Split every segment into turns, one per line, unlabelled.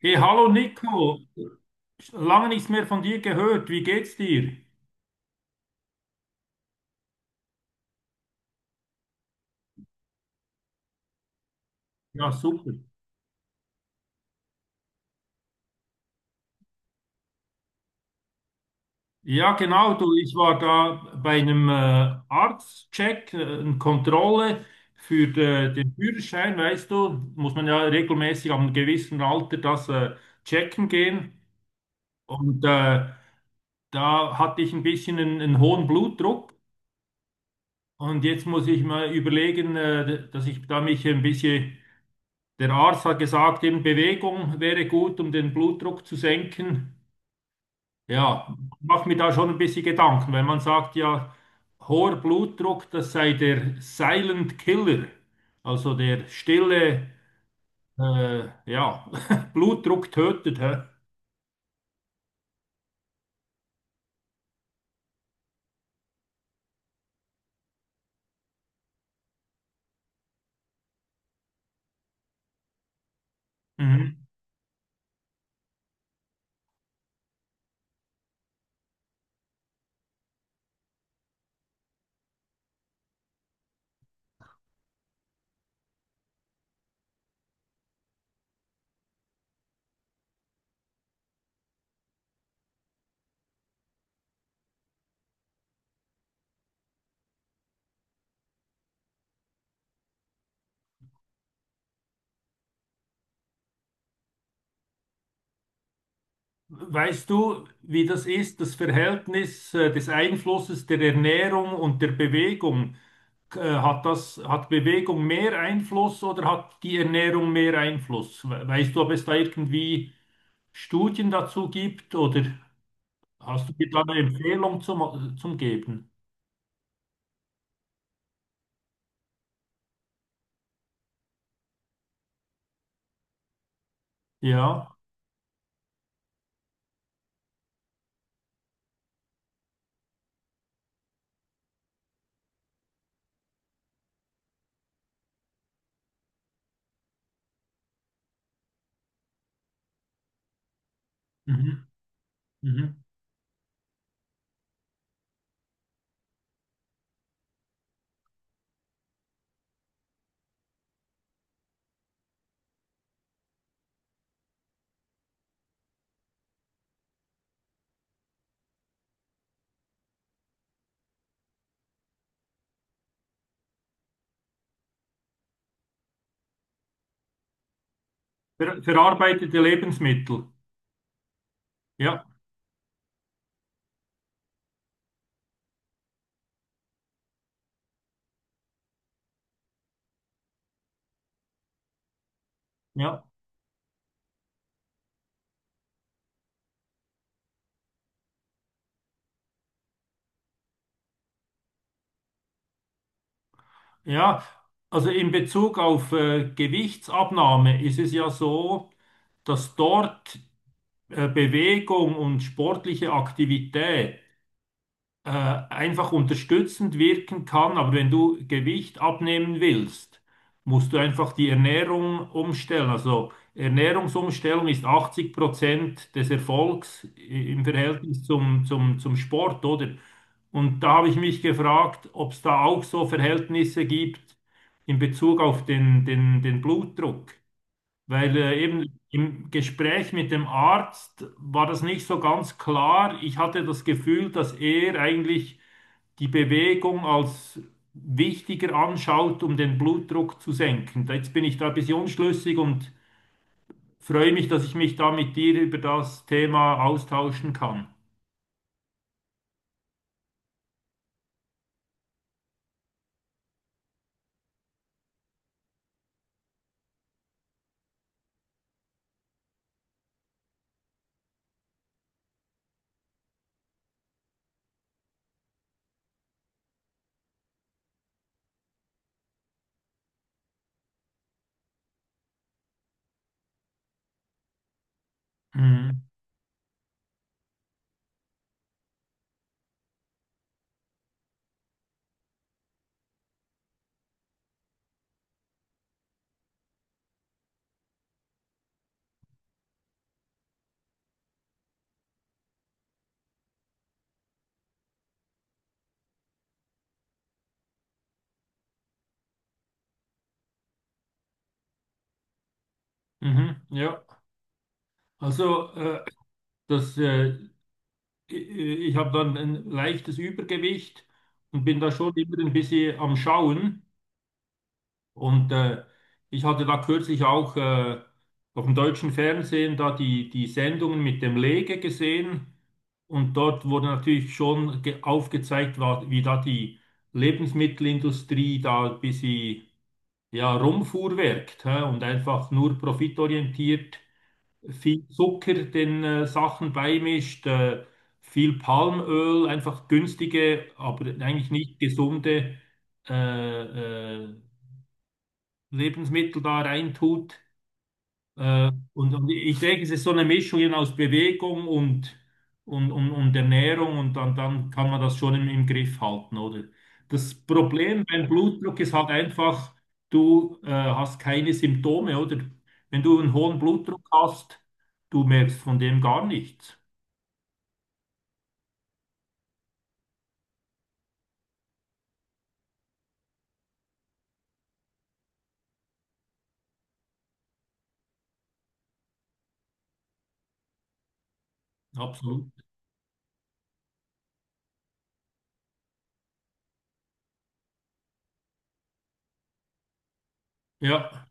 Hey, hallo Nico, lange nichts mehr von dir gehört. Wie geht's dir? Ja, super. Ja, genau, du, ich war da bei einem Arztcheck, eine Kontrolle für den Führerschein, weißt du, muss man ja regelmäßig am gewissen Alter das checken gehen. Und da hatte ich ein bisschen einen hohen Blutdruck, und jetzt muss ich mal überlegen, dass ich da mich ein bisschen. Der Arzt hat gesagt, eben Bewegung wäre gut, um den Blutdruck zu senken. Ja, macht mir da schon ein bisschen Gedanken, weil man sagt ja, hoher Blutdruck, das sei der Silent Killer, also der stille, ja, Blutdruck tötet. Hä? Mhm. Weißt du, wie das ist, das Verhältnis des Einflusses der Ernährung und der Bewegung? Hat das, hat Bewegung mehr Einfluss oder hat die Ernährung mehr Einfluss? Weißt du, ob es da irgendwie Studien dazu gibt oder hast du dir da eine Empfehlung zum Geben? Ja. Mhm. Mhm. Verarbeitete Lebensmittel. Ja, ja. Ja, also in Bezug auf Gewichtsabnahme ist es ja so, dass dort Bewegung und sportliche Aktivität äh, einfach unterstützend wirken kann, aber wenn du Gewicht abnehmen willst, musst du einfach die Ernährung umstellen. Also Ernährungsumstellung ist 80% des Erfolgs im Verhältnis zum Sport, oder? Und da habe ich mich gefragt, ob es da auch so Verhältnisse gibt in Bezug auf den Blutdruck. Weil eben im Gespräch mit dem Arzt war das nicht so ganz klar. Ich hatte das Gefühl, dass er eigentlich die Bewegung als wichtiger anschaut, um den Blutdruck zu senken. Jetzt bin ich da ein bisschen unschlüssig und freue mich, dass ich mich da mit dir über das Thema austauschen kann. Mhm. Mhm. Ja, also das, äh, ich habe dann ein leichtes Übergewicht und bin da schon immer ein bisschen am Schauen. Und ich hatte da kürzlich auch auf dem deutschen Fernsehen da die Sendungen mit dem Lege gesehen. Und dort wurde natürlich schon aufgezeigt, wie da die Lebensmittelindustrie da ein bisschen, ja, rumfuhrwerkt, hä? Und einfach nur profitorientiert viel Zucker den Sachen beimischt, viel Palmöl, einfach günstige, aber eigentlich nicht gesunde äh, äh, Lebensmittel da reintut. Und ich denke, es ist so eine Mischung eben aus Bewegung und Ernährung, und dann, dann kann man das schon im Griff halten, oder? Das Problem beim Blutdruck ist halt einfach, du hast keine Symptome, oder? Wenn du einen hohen Blutdruck hast, du merkst von dem gar nichts. Absolut. Ja,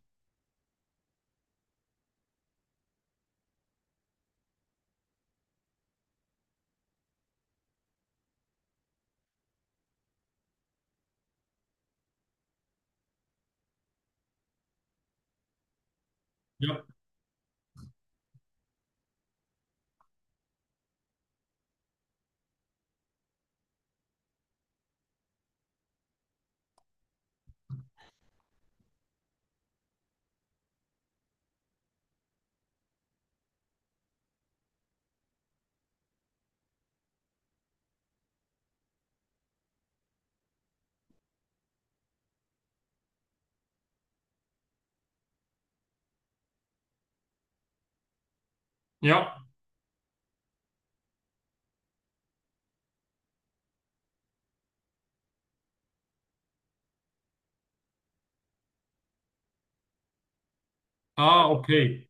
ja, ja. Ah, okay.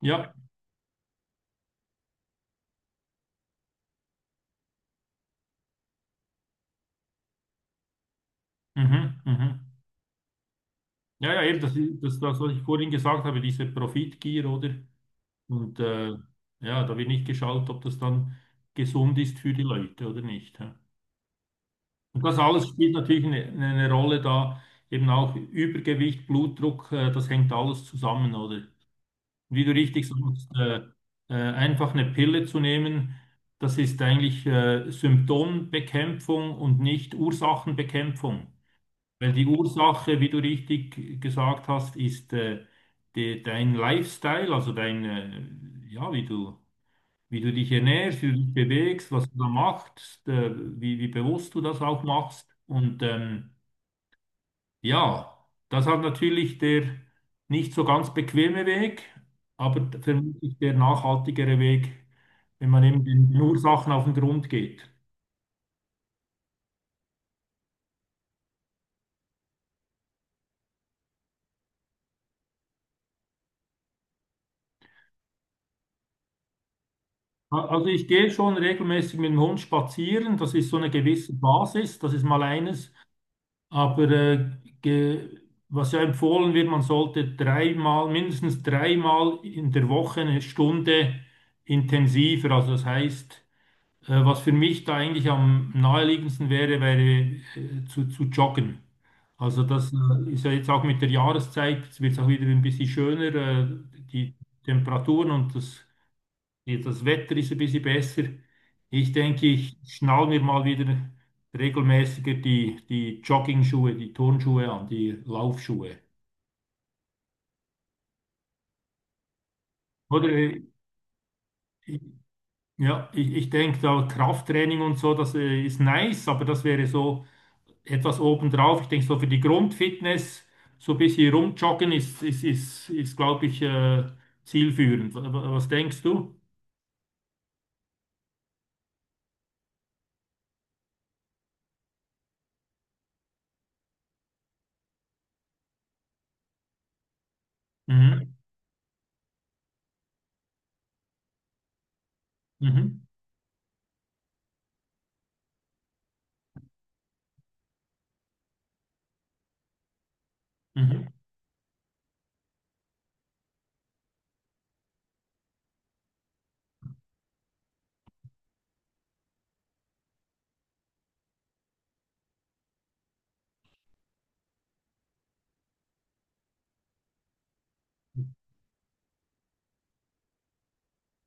Ja, mhm, mhm. Ja, ja, eben, das, das, was ich vorhin gesagt habe, diese Profitgier, oder? Und ja, da wird nicht geschaut, ob das dann gesund ist für die Leute oder nicht, hä? Und das alles spielt natürlich eine Rolle da, eben auch Übergewicht, Blutdruck, das hängt alles zusammen, oder? Wie du richtig sagst, einfach eine Pille zu nehmen, das ist eigentlich Symptombekämpfung und nicht Ursachenbekämpfung. Weil die Ursache, wie du richtig gesagt hast, ist dein Lifestyle, also dein, ja, wie du dich ernährst, wie du dich bewegst, was du da machst, wie, wie bewusst du das auch machst. Und ja, das hat natürlich der nicht so ganz bequeme Weg, aber vermutlich der nachhaltigere Weg, wenn man eben den Ursachen auf den Grund geht. Also ich gehe schon regelmäßig mit dem Hund spazieren, das ist so eine gewisse Basis, das ist mal eines. Aber ge, was ja empfohlen wird, man sollte dreimal, mindestens dreimal in der Woche eine Stunde intensiver. Also das heißt, was für mich da eigentlich am naheliegendsten wäre, wäre zu joggen. Also das ist ja jetzt auch mit der Jahreszeit, jetzt wird es auch wieder ein bisschen schöner, die Temperaturen und das. Jetzt das Wetter ist ein bisschen besser. Ich denke, ich schnall mir mal wieder regelmäßiger die Jogging-Schuhe, die Turnschuhe an, die Laufschuhe. Oder ich- ja, ich denke, da Krafttraining und so, das ist nice, aber das wäre so etwas obendrauf. Ich denke, so für die Grundfitness, so ein bisschen rumjoggen ist, glaube ich, zielführend. Was denkst du? Mhm. Mhm. Mhm.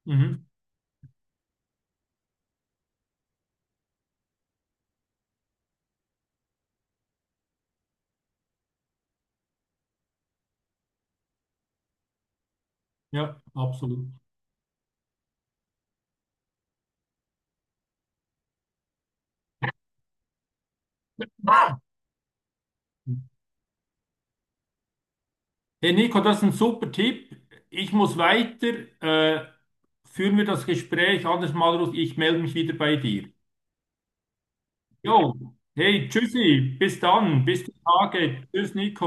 Mhm. Ja, absolut. Hey Nico, das ist ein super Tipp. Ich muss weiter. Äh, führen wir das Gespräch anders mal raus. Ich melde mich wieder bei dir. Jo, hey, tschüssi, bis dann, bis die Tage. Tschüss, Nico.